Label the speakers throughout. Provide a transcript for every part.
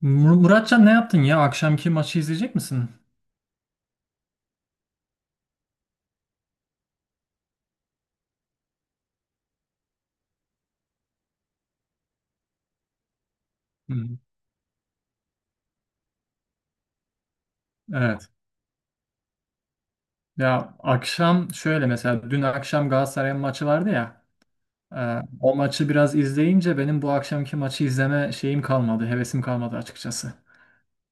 Speaker 1: Muratcan ne yaptın ya? Akşamki maçı izleyecek misin? Hı. Evet. Ya akşam şöyle mesela dün akşam Galatasaray'ın maçı vardı ya. O maçı biraz izleyince benim bu akşamki maçı izleme şeyim kalmadı, hevesim kalmadı açıkçası.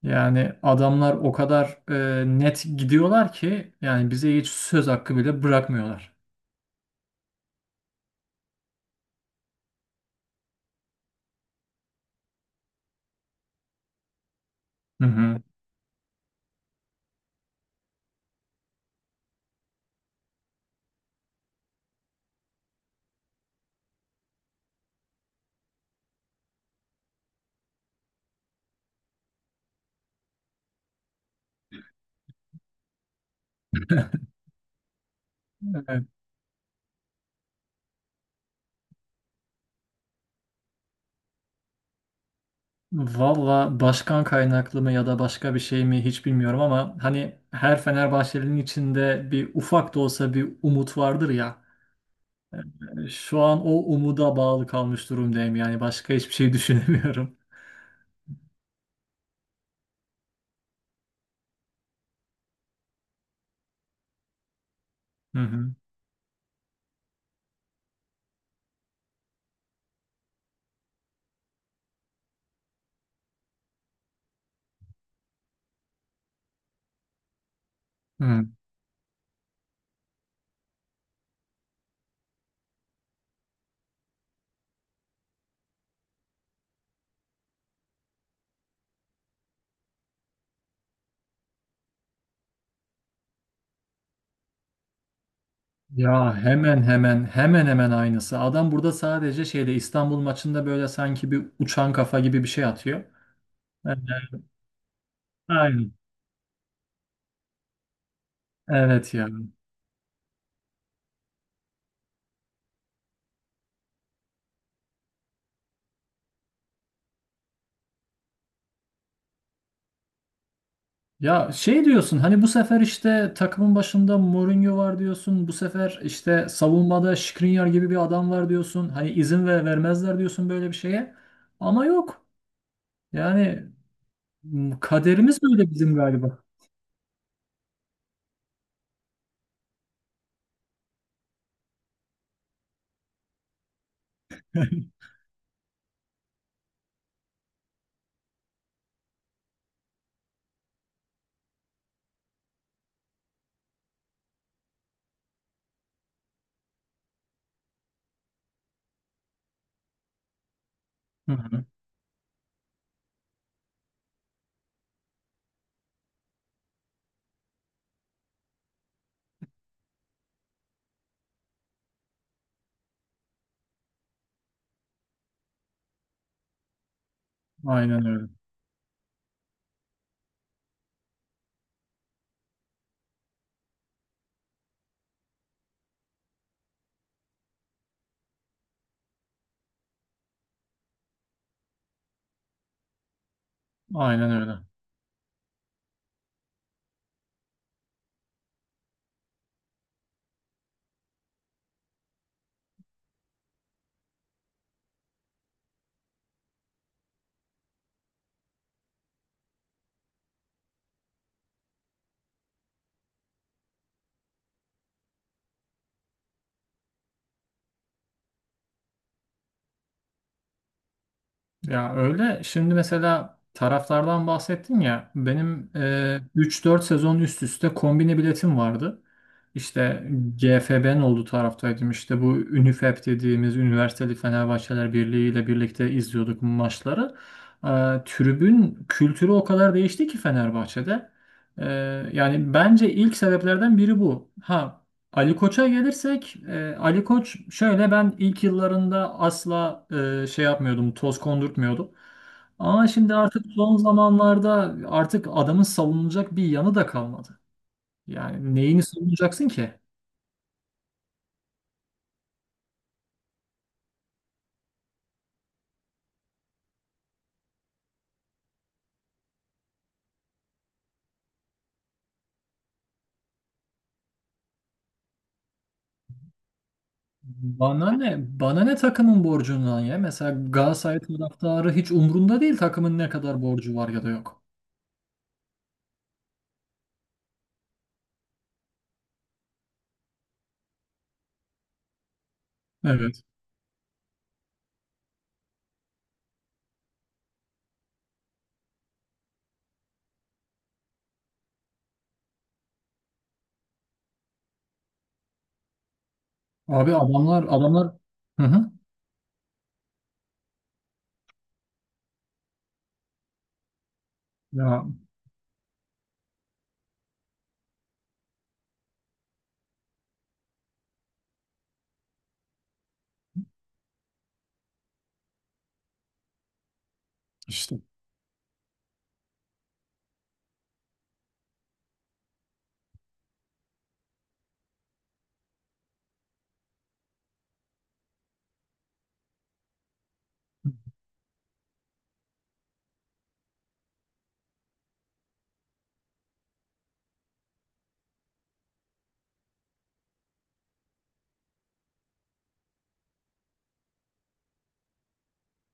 Speaker 1: Yani adamlar o kadar net gidiyorlar ki yani bize hiç söz hakkı bile bırakmıyorlar. Hı hı. Evet. Valla başkan kaynaklı mı ya da başka bir şey mi hiç bilmiyorum ama hani her Fenerbahçeli'nin içinde bir ufak da olsa bir umut vardır ya. Şu an o umuda bağlı kalmış durumdayım yani başka hiçbir şey düşünemiyorum. Hı hı. Hı. Ya hemen hemen aynısı. Adam burada sadece şeyde İstanbul maçında böyle sanki bir uçan kafa gibi bir şey atıyor. Evet. Aynen. Evet ya. Ya şey diyorsun hani bu sefer işte takımın başında Mourinho var diyorsun. Bu sefer işte savunmada Skriniar gibi bir adam var diyorsun. Hani izin vermezler diyorsun böyle bir şeye. Ama yok. Yani kaderimiz böyle bizim galiba. Hı hı. Aynen öyle. Aynen öyle. Ya öyle. Şimdi mesela taraflardan bahsettin ya. Benim 3-4 sezon üst üste kombine biletim vardı. İşte GFB'nin olduğu taraftaydım. İşte bu Ünifep dediğimiz Üniversiteli Fenerbahçeler Birliği ile birlikte izliyorduk bu maçları. E, Tribün kültürü o kadar değişti ki Fenerbahçe'de. E, Yani bence ilk sebeplerden biri bu. Ha, Ali Koç'a gelirsek, Ali Koç şöyle, ben ilk yıllarında asla şey yapmıyordum, toz kondurtmuyordum. Ama şimdi artık son zamanlarda artık adamın savunulacak bir yanı da kalmadı. Yani neyini savunacaksın ki? Bana ne? Bana ne takımın borcundan ya? Mesela Galatasaray taraftarı hiç umrunda değil takımın ne kadar borcu var ya da yok. Evet. Abi adamlar, adamlar. Hı hı. Ya işte.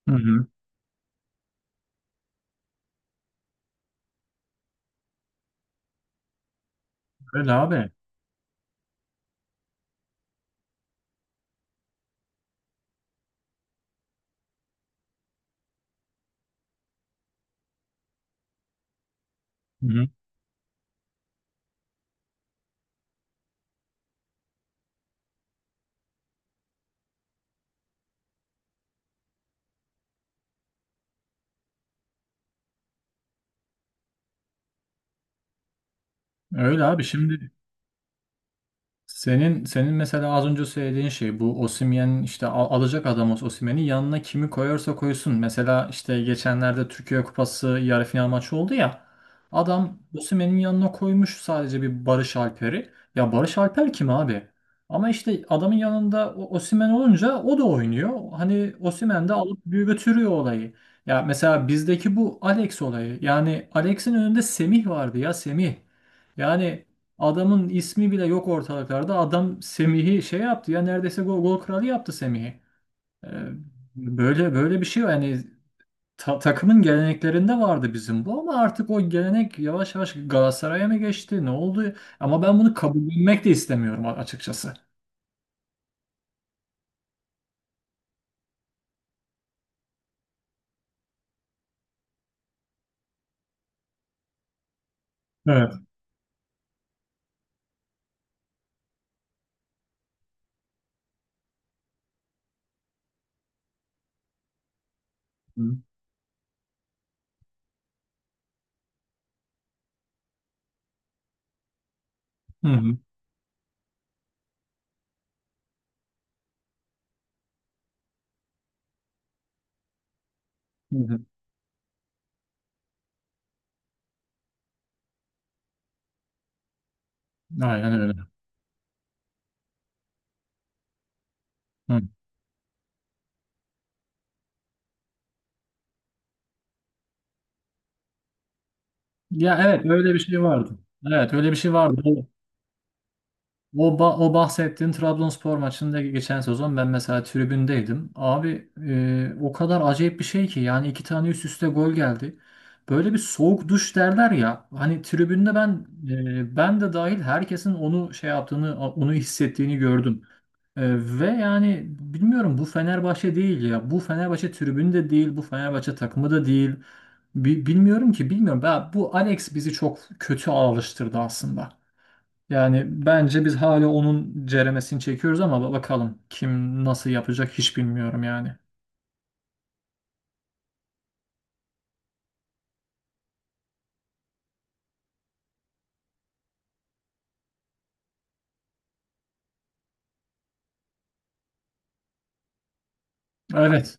Speaker 1: Hı hı. Öyle abi. Hı hı. Öyle abi. Şimdi senin mesela az önce söylediğin şey bu Osimhen, işte alacak adam olsa Osimhen'i yanına kimi koyarsa koysun. Mesela işte geçenlerde Türkiye Kupası yarı final maçı oldu ya. Adam Osimhen'in yanına koymuş sadece bir Barış Alper'i. Ya Barış Alper kim abi? Ama işte adamın yanında Osimhen olunca o da oynuyor. Hani Osimhen de alıp bir götürüyor olayı. Ya mesela bizdeki bu Alex olayı. Yani Alex'in önünde Semih vardı ya, Semih. Yani adamın ismi bile yok ortalıklarda. Adam Semih'i şey yaptı ya, neredeyse gol kralı yaptı Semih'i. Ee, Böyle böyle bir şey var. Yani takımın geleneklerinde vardı bizim bu ama artık o gelenek yavaş yavaş Galatasaray'a mı geçti? Ne oldu? Ama ben bunu kabullenmek de istemiyorum açıkçası. Evet. Hı hı. Hı hı. Aynen öyle. Hı. Ya evet, öyle bir şey vardı. Evet, öyle bir şey vardı. O bahsettiğin Trabzonspor maçında geçen sezon ben mesela tribündeydim. Abi, o kadar acayip bir şey ki yani iki tane üst üste gol geldi. Böyle bir soğuk duş derler ya. Hani tribünde, ben de dahil herkesin onu şey yaptığını, onu hissettiğini gördüm. E, Ve yani bilmiyorum, bu Fenerbahçe değil ya. Bu Fenerbahçe tribünü de değil, bu Fenerbahçe takımı da değil. Bilmiyorum ki, bilmiyorum. Bu Alex bizi çok kötü alıştırdı aslında. Yani bence biz hala onun ceremesini çekiyoruz ama bakalım kim nasıl yapacak, hiç bilmiyorum yani. Evet.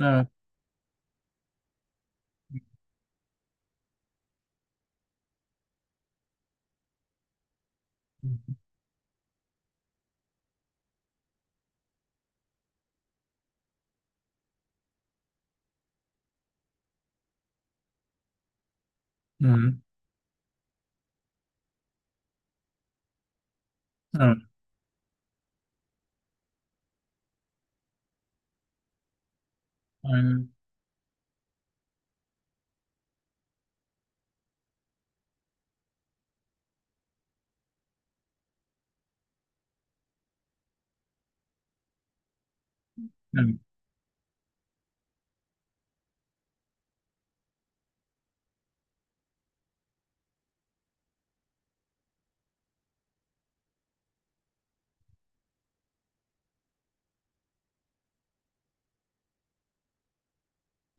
Speaker 1: Evet. Hı hı. Evet. Aynen. Evet.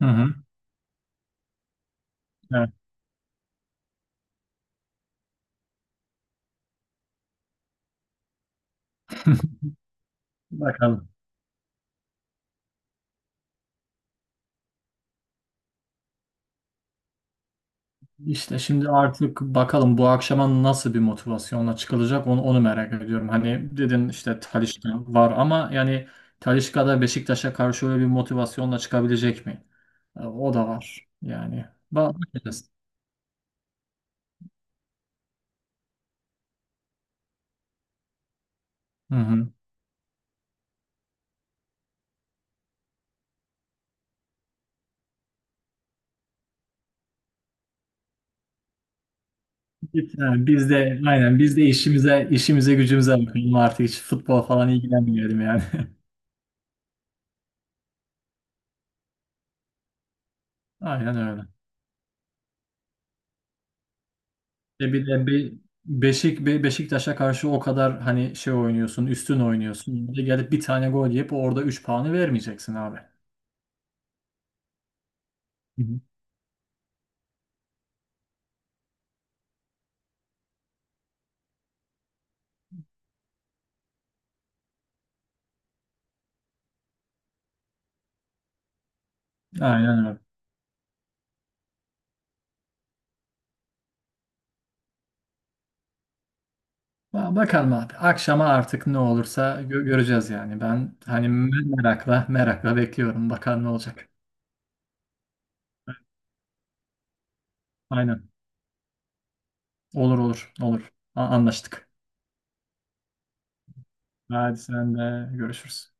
Speaker 1: Hı hı. Evet. Bakalım. İşte şimdi artık bakalım, bu akşama nasıl bir motivasyonla çıkılacak, onu merak ediyorum. Hani dedin işte Talisca var ama yani Talisca da Beşiktaş'a karşı öyle bir motivasyonla çıkabilecek mi? O da var yani. Bakacağız. Hı hı. Yani biz de aynen biz de işimize gücümüze bakalım artık, hiç futbol falan ilgilenmiyorum yani. Aynen öyle. Bir de bir Beşiktaş'a karşı o kadar hani şey oynuyorsun, üstün oynuyorsun. Bir de gelip bir tane gol yiyip orada 3 puanı vermeyeceksin abi. Hı hı. Aynen öyle. Bakalım abi. Akşama artık ne olursa göreceğiz yani. Ben hani merakla merakla bekliyorum. Bakalım ne olacak. Aynen. Olur olur olur. Anlaştık. Hadi sen de, görüşürüz.